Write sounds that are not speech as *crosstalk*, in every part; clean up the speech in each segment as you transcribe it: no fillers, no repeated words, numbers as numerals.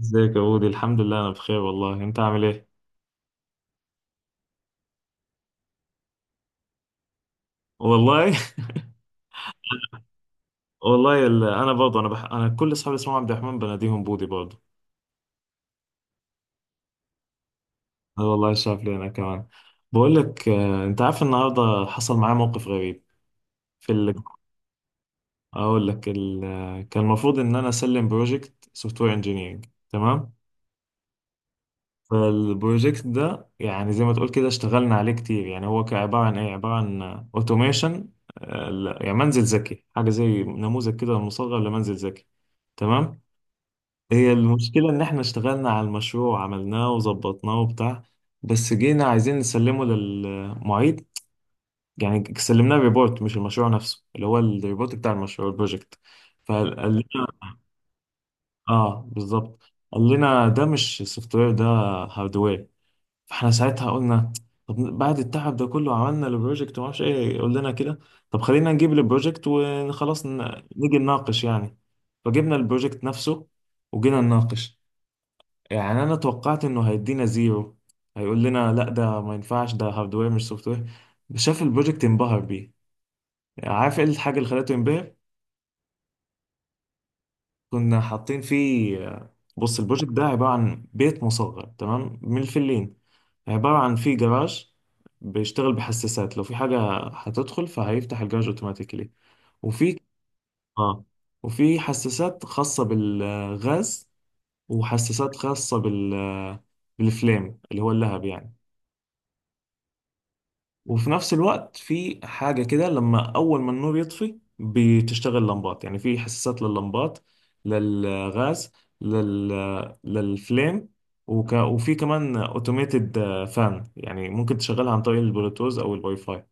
ازيك يا بودي، الحمد لله انا بخير والله. انت عامل ايه؟ والله. *laughs* والله انا برضه انا كل اصحابي اسمهم عبد الرحمن بناديهم بودي برضه. انا والله شاف لي انا كمان. بقول لك انت عارف النهارده حصل معايا موقف غريب في اقول لك ال... آه، كان المفروض ان انا اسلم بروجكت سوفت وير انجينيرنج. تمام. فالبروجكت ده يعني زي ما تقول كده اشتغلنا عليه كتير. يعني هو كان عباره عن ايه؟ عباره عن اوتوميشن، يعني منزل ذكي، حاجه زي نموذج كده مصغر لمنزل ذكي. تمام. هي المشكلة إن إحنا اشتغلنا على المشروع وعملناه وظبطناه وبتاع، بس جينا عايزين نسلمه للمعيد. يعني سلمناه ريبورت مش المشروع نفسه، اللي هو الريبورت بتاع المشروع البروجكت. فقال لنا، آه بالظبط، قال لنا ده مش سوفت وير، ده هاردوير. فإحنا ساعتها قلنا طب بعد التعب ده كله عملنا البروجكت ومعرفش إيه يقول لنا كده؟ طب خلينا نجيب البروجكت وخلاص نيجي نناقش يعني. فجبنا البروجكت نفسه وجينا نناقش. يعني انا توقعت انه هيدينا زيرو، هيقول لنا لا ده ما ينفعش، ده هاردوير مش سوفت وير. شاف البروجكت انبهر بيه. يعني عارف ايه الحاجه اللي خلته ينبهر؟ كنا حاطين فيه، بص البروجكت ده عباره عن بيت مصغر، تمام، من الفلين. عباره عن فيه جراج بيشتغل بحساسات، لو في حاجه هتدخل فهيفتح الجراج اوتوماتيكلي. وفي، اه، وفي حساسات خاصه بالغاز، وحساسات خاصه بالفليم اللي هو اللهب يعني. وفي نفس الوقت في حاجة كده، لما أول ما النور يطفي بتشتغل لمبات، يعني في حساسات لللمبات، للغاز، لل... للفليم. وفي كمان اوتوميتد فان، يعني ممكن تشغلها عن طريق البلوتوث أو الواي فاي.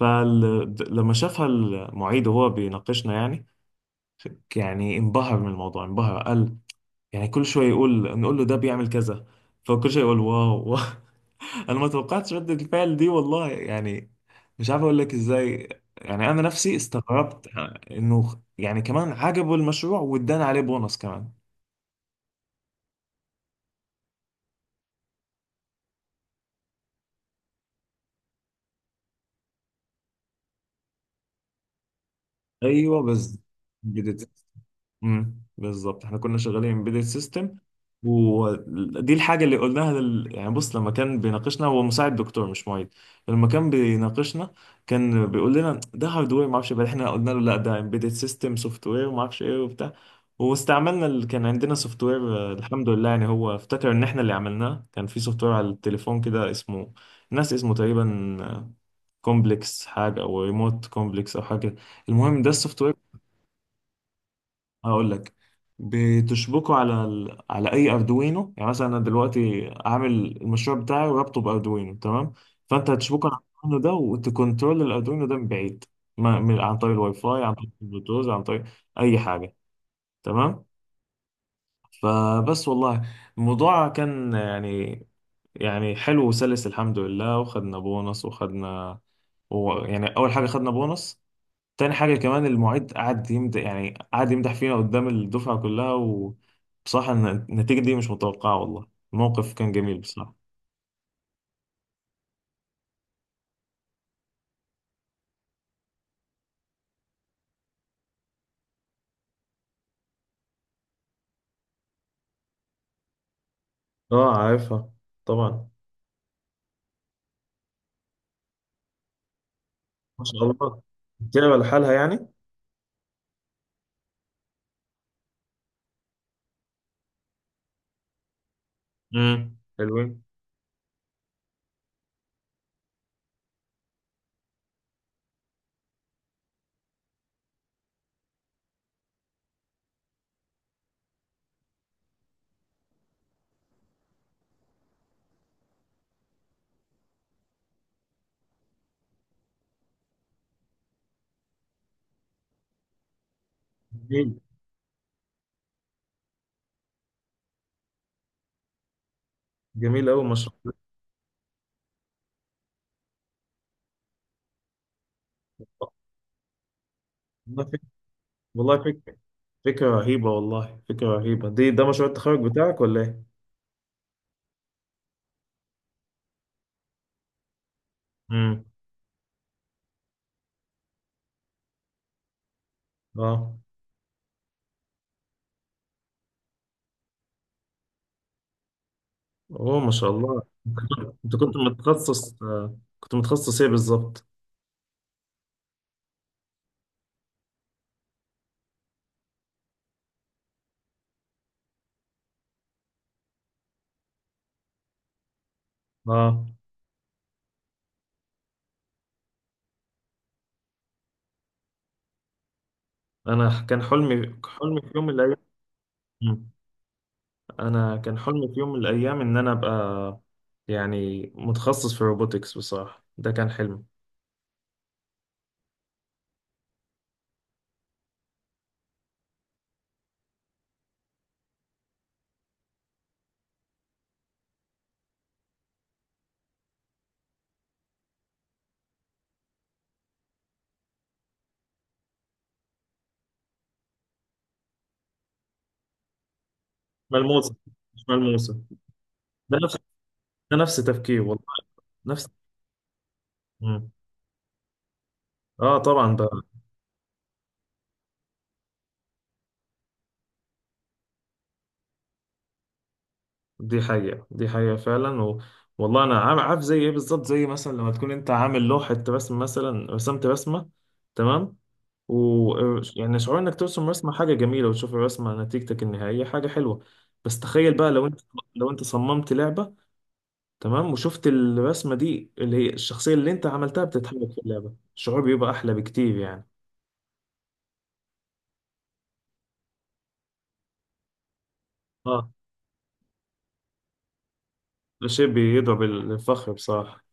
فلما شافها المعيد وهو بيناقشنا يعني، يعني انبهر من الموضوع، انبهر. قال، يعني كل شوية يقول، نقول له ده بيعمل كذا، فكل شوية يقول واو واو. انا ما توقعتش ردة الفعل دي والله، يعني مش عارف اقول لك ازاي. يعني انا نفسي استغربت انه يعني كمان عجبه المشروع وادانا عليه بونص كمان. ايوه بس، بالظبط احنا كنا شغالين امبيدد سيستم. ودي الحاجه اللي قلناها يعني بص، لما كان بيناقشنا، هو مساعد دكتور مش معيد، لما كان بيناقشنا كان بيقول لنا ده هاردوير ما اعرفش إيه. بعد احنا قلنا له لا ده امبيدد سيستم سوفت وير وما اعرفش ايه وبتاع. واستعملنا اللي كان عندنا سوفت وير، الحمد لله. يعني هو افتكر ان احنا اللي عملناه كان في سوفت وير على التليفون كده، اسمه ناس اسمه تقريبا كومبلكس حاجه، او ريموت كومبلكس او حاجه كده. المهم ده السوفت وير. هقول لك، بتشبكه على على اي اردوينو. يعني مثلا انا دلوقتي عامل المشروع بتاعي وربطه باردوينو، تمام، فانت هتشبكه على الاردوينو ده وتكنترول الاردوينو ده من بعيد، ما... من... عن طريق الواي فاي، عن طريق البلوتوث، عن طريق اي حاجه. تمام. فبس والله الموضوع كان يعني، يعني حلو وسلس الحمد لله. وخدنا بونص وخدنا، يعني اول حاجه خدنا بونص، تاني حاجة كمان المعيد قعد يمدح، يعني قعد يمدح فينا قدام الدفعة كلها. وبصراحة النتيجة دي مش متوقعة والله. الموقف كان جميل بصراحة. اه عارفها طبعا. ما شاء الله، بتلعب لحالها يعني. امم، حلوين. جميل، جميل أوي ما شاء الله. والله فكرة، والله فكرة، فكرة رهيبة والله، فكرة رهيبة دي. ده مشروع التخرج بتاعك ولا ايه؟ امم. اه. اوه ما شاء الله، انت كنت، أنت كنت متخصص كنت متخصص ايه بالظبط؟ اه. انا كان حلمي، حلمي *laughs* في يوم من الايام. مم. انا كان حلمي في يوم من الايام ان انا ابقى يعني متخصص في الروبوتكس بصراحه، ده كان حلمي. ملموسه، مش ملموسه. ده نفس ده نفس تفكير والله. نفس. مم. اه طبعا بقى. دي حقيقه، دي حقيقه فعلا. والله انا عارف زي ايه بالظبط، زي مثلا لما تكون انت عامل لوحه رسم، مثلا رسمت رسمه، تمام، و، يعني شعور انك ترسم رسمة حاجة جميلة وتشوف الرسمة نتيجتك النهائية حاجة حلوة. بس تخيل بقى لو انت، لو انت صممت لعبة، تمام، وشفت الرسمة دي اللي هي الشخصية اللي انت عملتها بتتحرك في اللعبة، الشعور بيبقى احلى بكتير يعني. اه. ده شيء بيضرب الفخر بصراحة.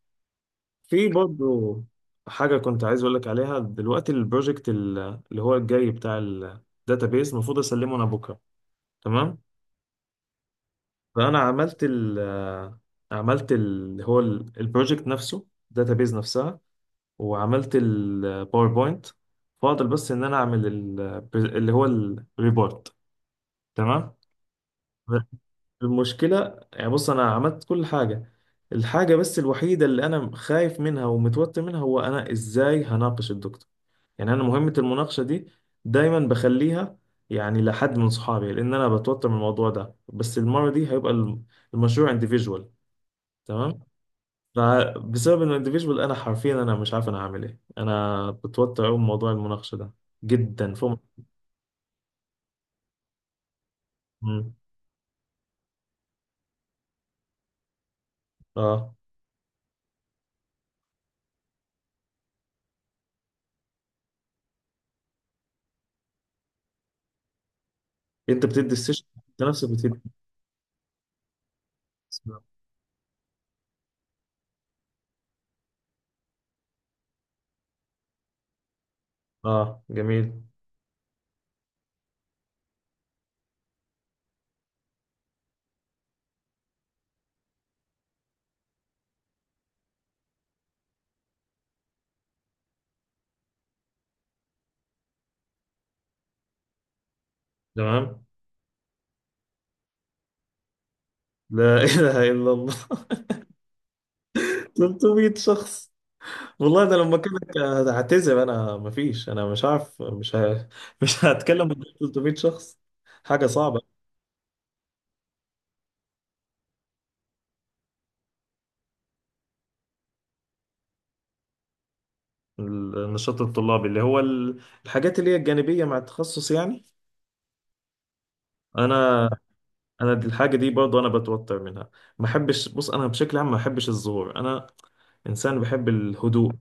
في برضو حاجة كنت عايز اقول لك عليها دلوقتي، البروجكت اللي هو الجاي بتاع الداتابيز، المفروض اسلمه انا بكرة. تمام. فانا عملت ال آه، عملت ال، هو البروجكت نفسه الداتابيز نفسها، وعملت الباوربوينت. فاضل بس ان انا اعمل اللي هو الريبورت. تمام. المشكله، يعني بص انا عملت كل حاجه، الحاجه بس الوحيده اللي انا خايف منها ومتوتر منها هو انا ازاي هناقش الدكتور. يعني انا مهمه المناقشه دي دايما بخليها يعني لحد من صحابي، لان انا بتوتر من الموضوع ده. بس المره دي هيبقى المشروع individual، تمام، فبسبب انه individual انا حرفيا انا مش عارف انا هعمل ايه، انا بتوتر قوي من موضوع المناقشه ده جدا فوق. مم. اه. انت بتدي السيشن انت نفسك بتدي؟ اه جميل، تمام. لا *laughs* اله الا الله، 300 شخص؟ والله ده لما كنت، هعتذر انا، مفيش انا مش عارف، مش ه... *laughs* مش هتكلم قدام 300 شخص، حاجه صعبه. النشاط الطلابي اللي هو الحاجات اللي هي الجانبيه مع التخصص يعني. انا انا دي الحاجه دي برضه انا بتوتر منها. ما بحبش، بص انا بشكل عام ما بحبش الظهور، انا انسان بحب الهدوء.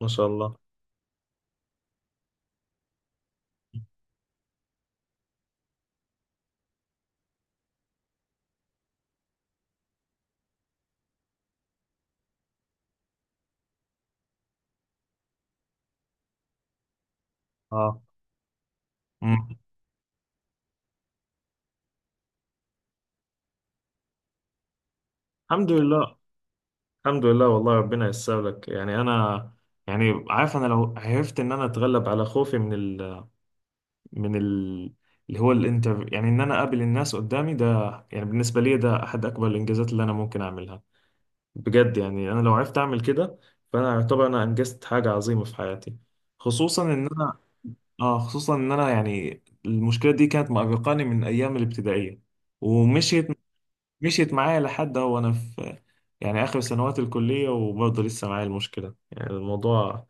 ما شاء الله. اه. مم. الحمد لله، الحمد لله والله، ربنا ييسر لك. يعني انا يعني عارف، انا لو عرفت ان انا اتغلب على خوفي من من ال اللي هو الانترفيو، يعني ان انا اقابل الناس قدامي ده، يعني بالنسبه لي ده احد اكبر الانجازات اللي انا ممكن اعملها بجد. يعني انا لو عرفت اعمل كده فانا اعتبر انا انجزت حاجه عظيمه في حياتي، خصوصا ان انا، اه، خصوصا ان انا يعني المشكله دي كانت مأرقاني من ايام الابتدائيه، ومشيت، مشيت معايا لحد هو انا في يعني اخر سنوات الكليه وبرضه لسه معايا المشكله. يعني الموضوع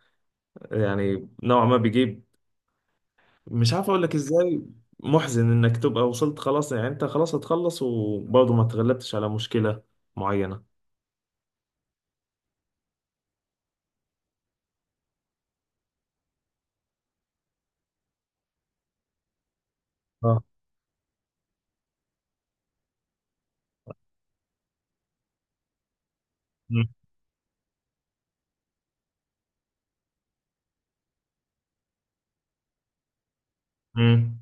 يعني نوعا ما بيجيب، مش عارف اقول لك ازاي، محزن انك تبقى وصلت خلاص، يعني انت خلاص هتخلص وبرضه ما تغلبتش على مشكله معينه. اه. امم.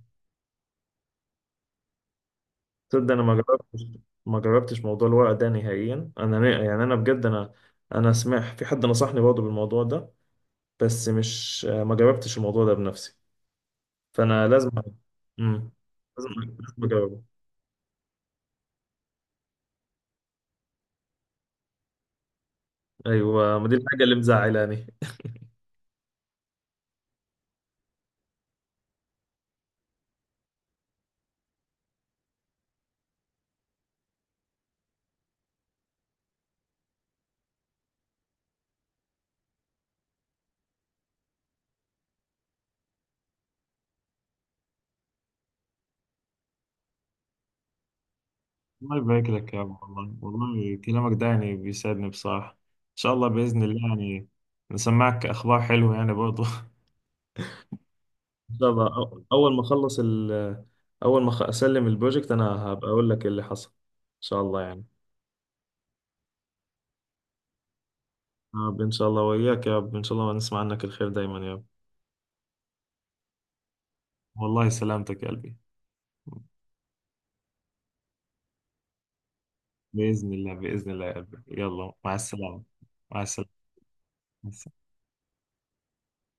تصدق انا ما جربتش، ما جربتش موضوع الورق ده نهائيا. انا يعني انا بجد انا، انا سمعت في حد نصحني برضه بالموضوع ده، بس مش، ما جربتش الموضوع ده بنفسي. فانا لازم، امم، لازم، لازم اجربه. ايوه، ما دي الحاجه اللي مزعلاني. الله يبارك لك يا أبو، والله والله كلامك ده يعني بيسعدني بصراحة. إن شاء الله، بإذن الله يعني نسمعك أخبار حلوة يعني برضه. *laughs* ان شاء الله، اول ما اخلص ال، اول ما أخ- اسلم البروجكت انا هبقى اقول لك اللي حصل، ان شاء الله يعني. يا رب ان شاء الله، وياك يا رب، ان شاء الله نسمع عنك الخير دايما يا رب. والله سلامتك يا قلبي. بإذن الله، بإذن الله يا قلبي، يلا مع السلامة. مع السلامة.